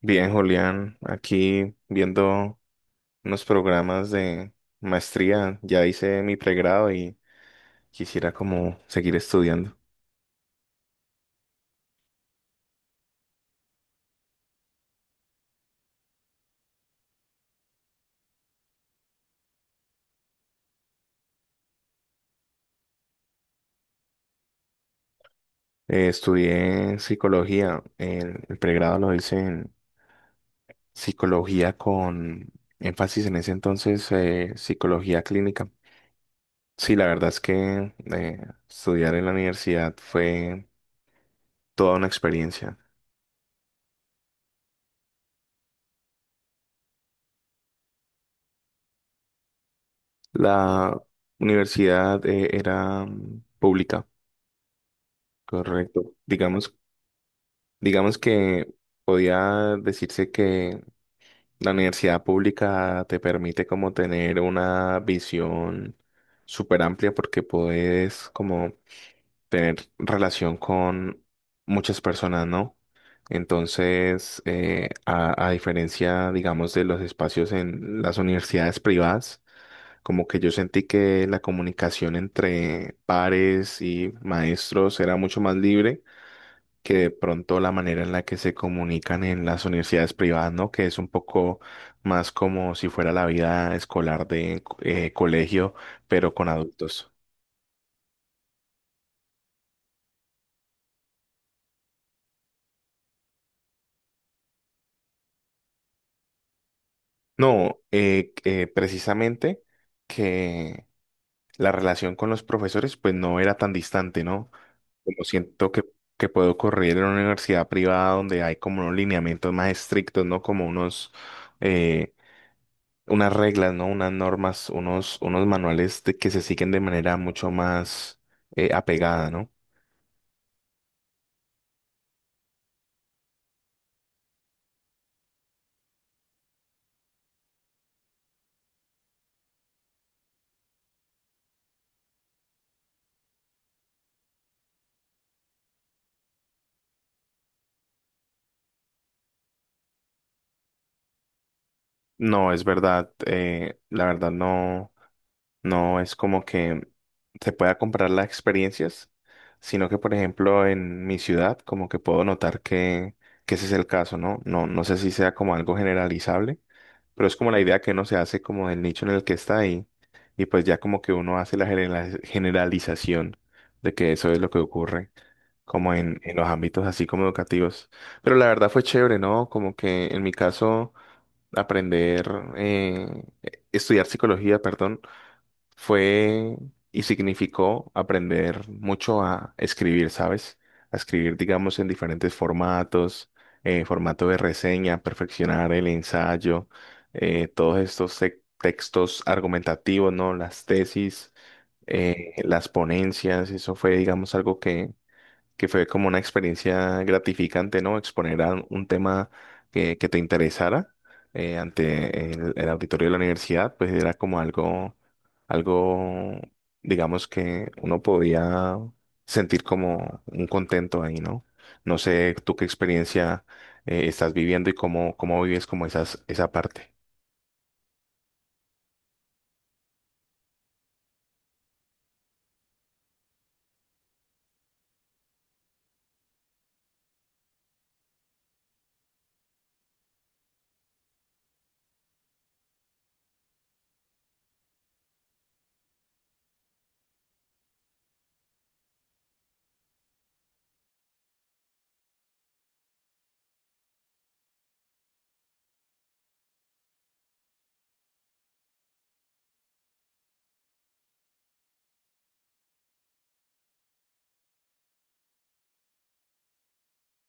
Bien, Julián, aquí viendo unos programas de maestría. Ya hice mi pregrado y quisiera como seguir estudiando. Estudié psicología. El pregrado lo hice en psicología con énfasis en ese entonces, psicología clínica. Sí, la verdad es que estudiar en la universidad fue toda una experiencia. La universidad era pública, correcto. Digamos que podía decirse que la universidad pública te permite como tener una visión súper amplia porque puedes como tener relación con muchas personas, ¿no? Entonces, a diferencia, digamos, de los espacios en las universidades privadas, como que yo sentí que la comunicación entre pares y maestros era mucho más libre que de pronto la manera en la que se comunican en las universidades privadas, ¿no? Que es un poco más como si fuera la vida escolar de colegio, pero con adultos. No, precisamente que la relación con los profesores pues no era tan distante, ¿no? Como siento que puede ocurrir en una universidad privada donde hay como unos lineamientos más estrictos, ¿no? Como unos... eh, unas reglas, ¿no? Unas normas, unos que se siguen de manera mucho más apegada, ¿no? No, es verdad, la verdad no, no es como que se pueda comprar las experiencias, sino que, por ejemplo, en mi ciudad, como que puedo notar que ese es el caso, ¿no? No, no sé si sea como algo generalizable, pero es como la idea que uno se hace como del nicho en el que está y pues ya como que uno hace la generalización de que eso es lo que ocurre, como en los ámbitos así como educativos. Pero la verdad fue chévere, ¿no? Como que en mi caso, aprender, eh, estudiar psicología, perdón, fue y significó aprender mucho a escribir, ¿sabes? A escribir, digamos, en diferentes formatos, formato de reseña, perfeccionar el ensayo, todos estos textos argumentativos, ¿no? Las tesis, las ponencias, eso fue, digamos, algo que fue como una experiencia gratificante, ¿no? Exponer a un tema que te interesara ante el auditorio de la universidad, pues era como algo, algo, digamos que uno podía sentir como un contento ahí, ¿no? No sé tú qué experiencia estás viviendo y cómo, cómo vives como esas, esa parte.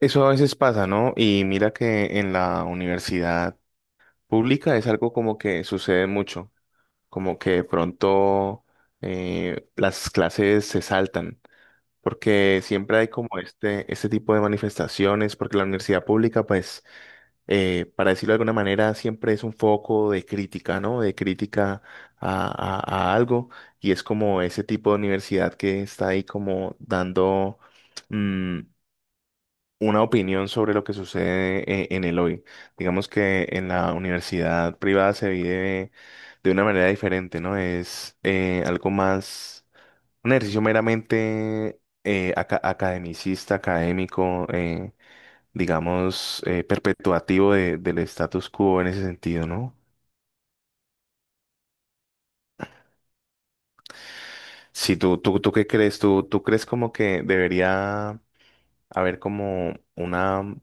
Eso a veces pasa, ¿no? Y mira que en la universidad pública es algo como que sucede mucho, como que de pronto las clases se saltan, porque siempre hay como este tipo de manifestaciones, porque la universidad pública, pues, para decirlo de alguna manera, siempre es un foco de crítica, ¿no? De crítica a, a algo, y es como ese tipo de universidad que está ahí como dando... mm, una opinión sobre lo que sucede en el hoy. Digamos que en la universidad privada se vive de una manera diferente, ¿no? Es algo más, un ejercicio meramente academicista, académico, digamos, perpetuativo del status quo en ese sentido, ¿no? Si tú qué crees, tú crees como que debería haber como una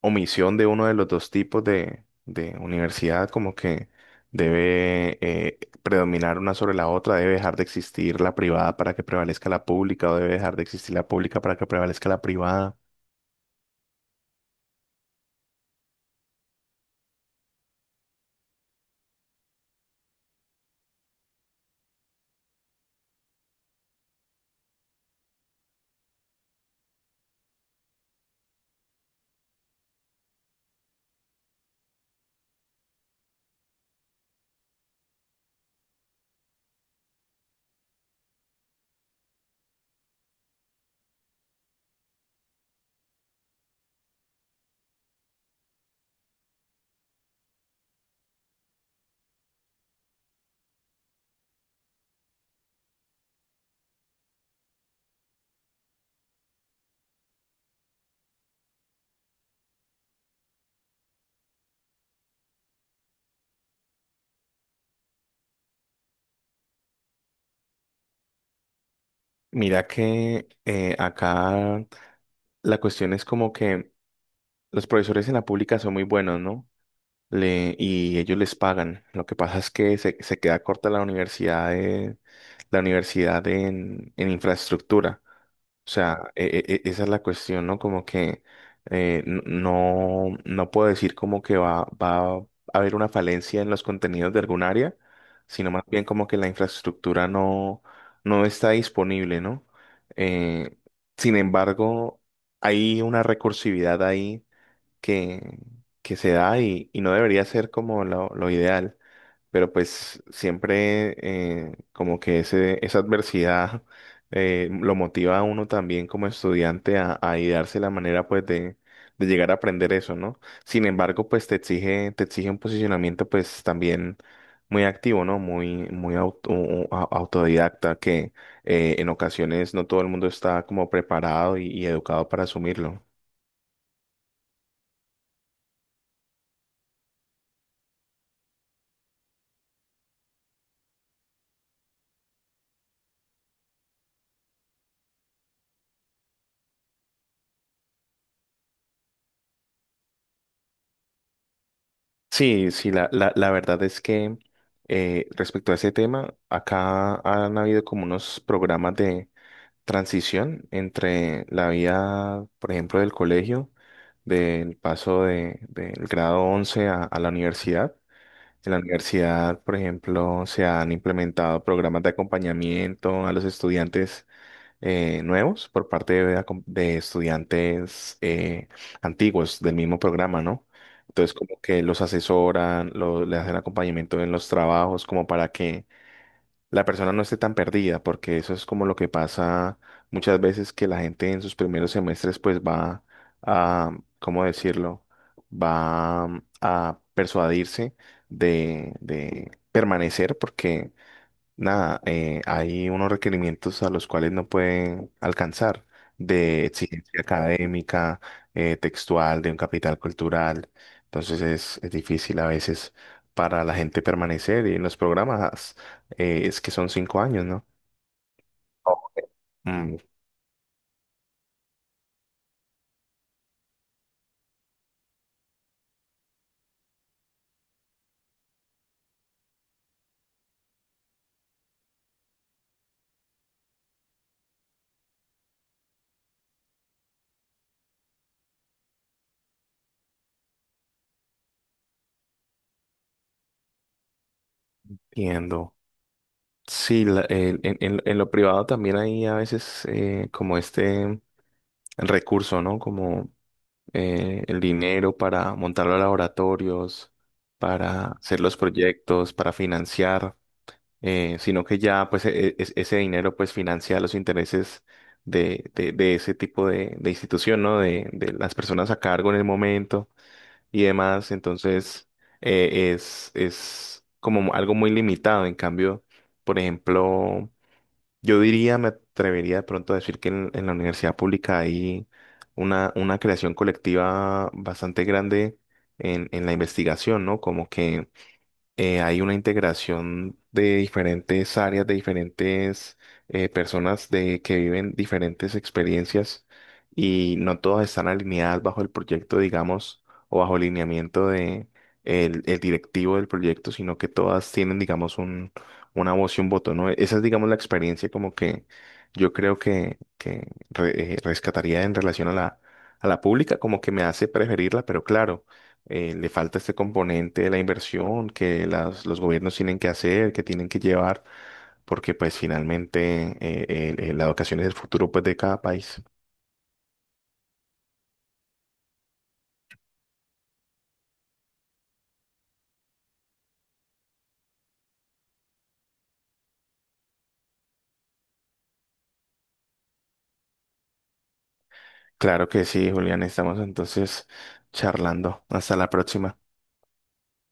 omisión de uno de los dos tipos de universidad, como que debe predominar una sobre la otra, debe dejar de existir la privada para que prevalezca la pública o debe dejar de existir la pública para que prevalezca la privada. Mira que acá la cuestión es como que los profesores en la pública son muy buenos, ¿no? Y ellos les pagan. Lo que pasa es que se queda corta la universidad de, la universidad en infraestructura. O sea, esa es la cuestión, ¿no? Como que no, no puedo decir como que va, va a haber una falencia en los contenidos de algún área, sino más bien como que la infraestructura no, no está disponible, ¿no? Eh, Sin embargo, hay una recursividad ahí que, que se da y no debería ser como lo ideal, pero pues siempre como que ese, esa adversidad lo motiva a uno también como estudiante a idearse la manera pues de llegar a aprender eso, ¿no? Sin embargo, pues te exige un posicionamiento pues también muy activo, ¿no? Muy, muy autodidacta que en ocasiones no todo el mundo está como preparado y educado para asumirlo. Sí, sí, la verdad es que respecto a ese tema, acá han habido como unos programas de transición entre la vida, por ejemplo, del colegio, del paso de, del grado 11 a la universidad. En la universidad, por ejemplo, se han implementado programas de acompañamiento a los estudiantes nuevos por parte de, la de estudiantes antiguos del mismo programa, ¿no? Entonces, como que los asesoran, le hacen acompañamiento en los trabajos, como para que la persona no esté tan perdida, porque eso es como lo que pasa muchas veces que la gente en sus primeros semestres, pues va a, ¿cómo decirlo? Va a persuadirse de permanecer, porque nada, hay unos requerimientos a los cuales no pueden alcanzar de exigencia académica, textual, de un capital cultural. Entonces es difícil a veces para la gente permanecer y en los programas es que son 5 años, ¿no? Oh. Mm. Entiendo. Sí, en, en lo privado también hay a veces como este recurso, ¿no? Como el dinero para montar los laboratorios, para hacer los proyectos, para financiar, sino que ya pues ese dinero pues financia los intereses de ese tipo de institución, ¿no? De las personas a cargo en el momento y demás. Entonces es como algo muy limitado. En cambio, por ejemplo, yo diría, me atrevería de pronto a decir que en la universidad pública hay una creación colectiva bastante grande en la investigación, ¿no? Como que hay una integración de diferentes áreas, de diferentes personas de, que viven diferentes experiencias y no todas están alineadas bajo el proyecto, digamos, o bajo el lineamiento de el directivo del proyecto, sino que todas tienen, digamos, un, una voz y un voto, ¿no? Esa es, digamos, la experiencia como que yo creo que rescataría en relación a la pública, como que me hace preferirla, pero claro le falta este componente de la inversión que los gobiernos tienen que hacer, que tienen que llevar, porque pues finalmente la educación es el futuro pues de cada país. Claro que sí, Julián, estamos entonces charlando. Hasta la próxima.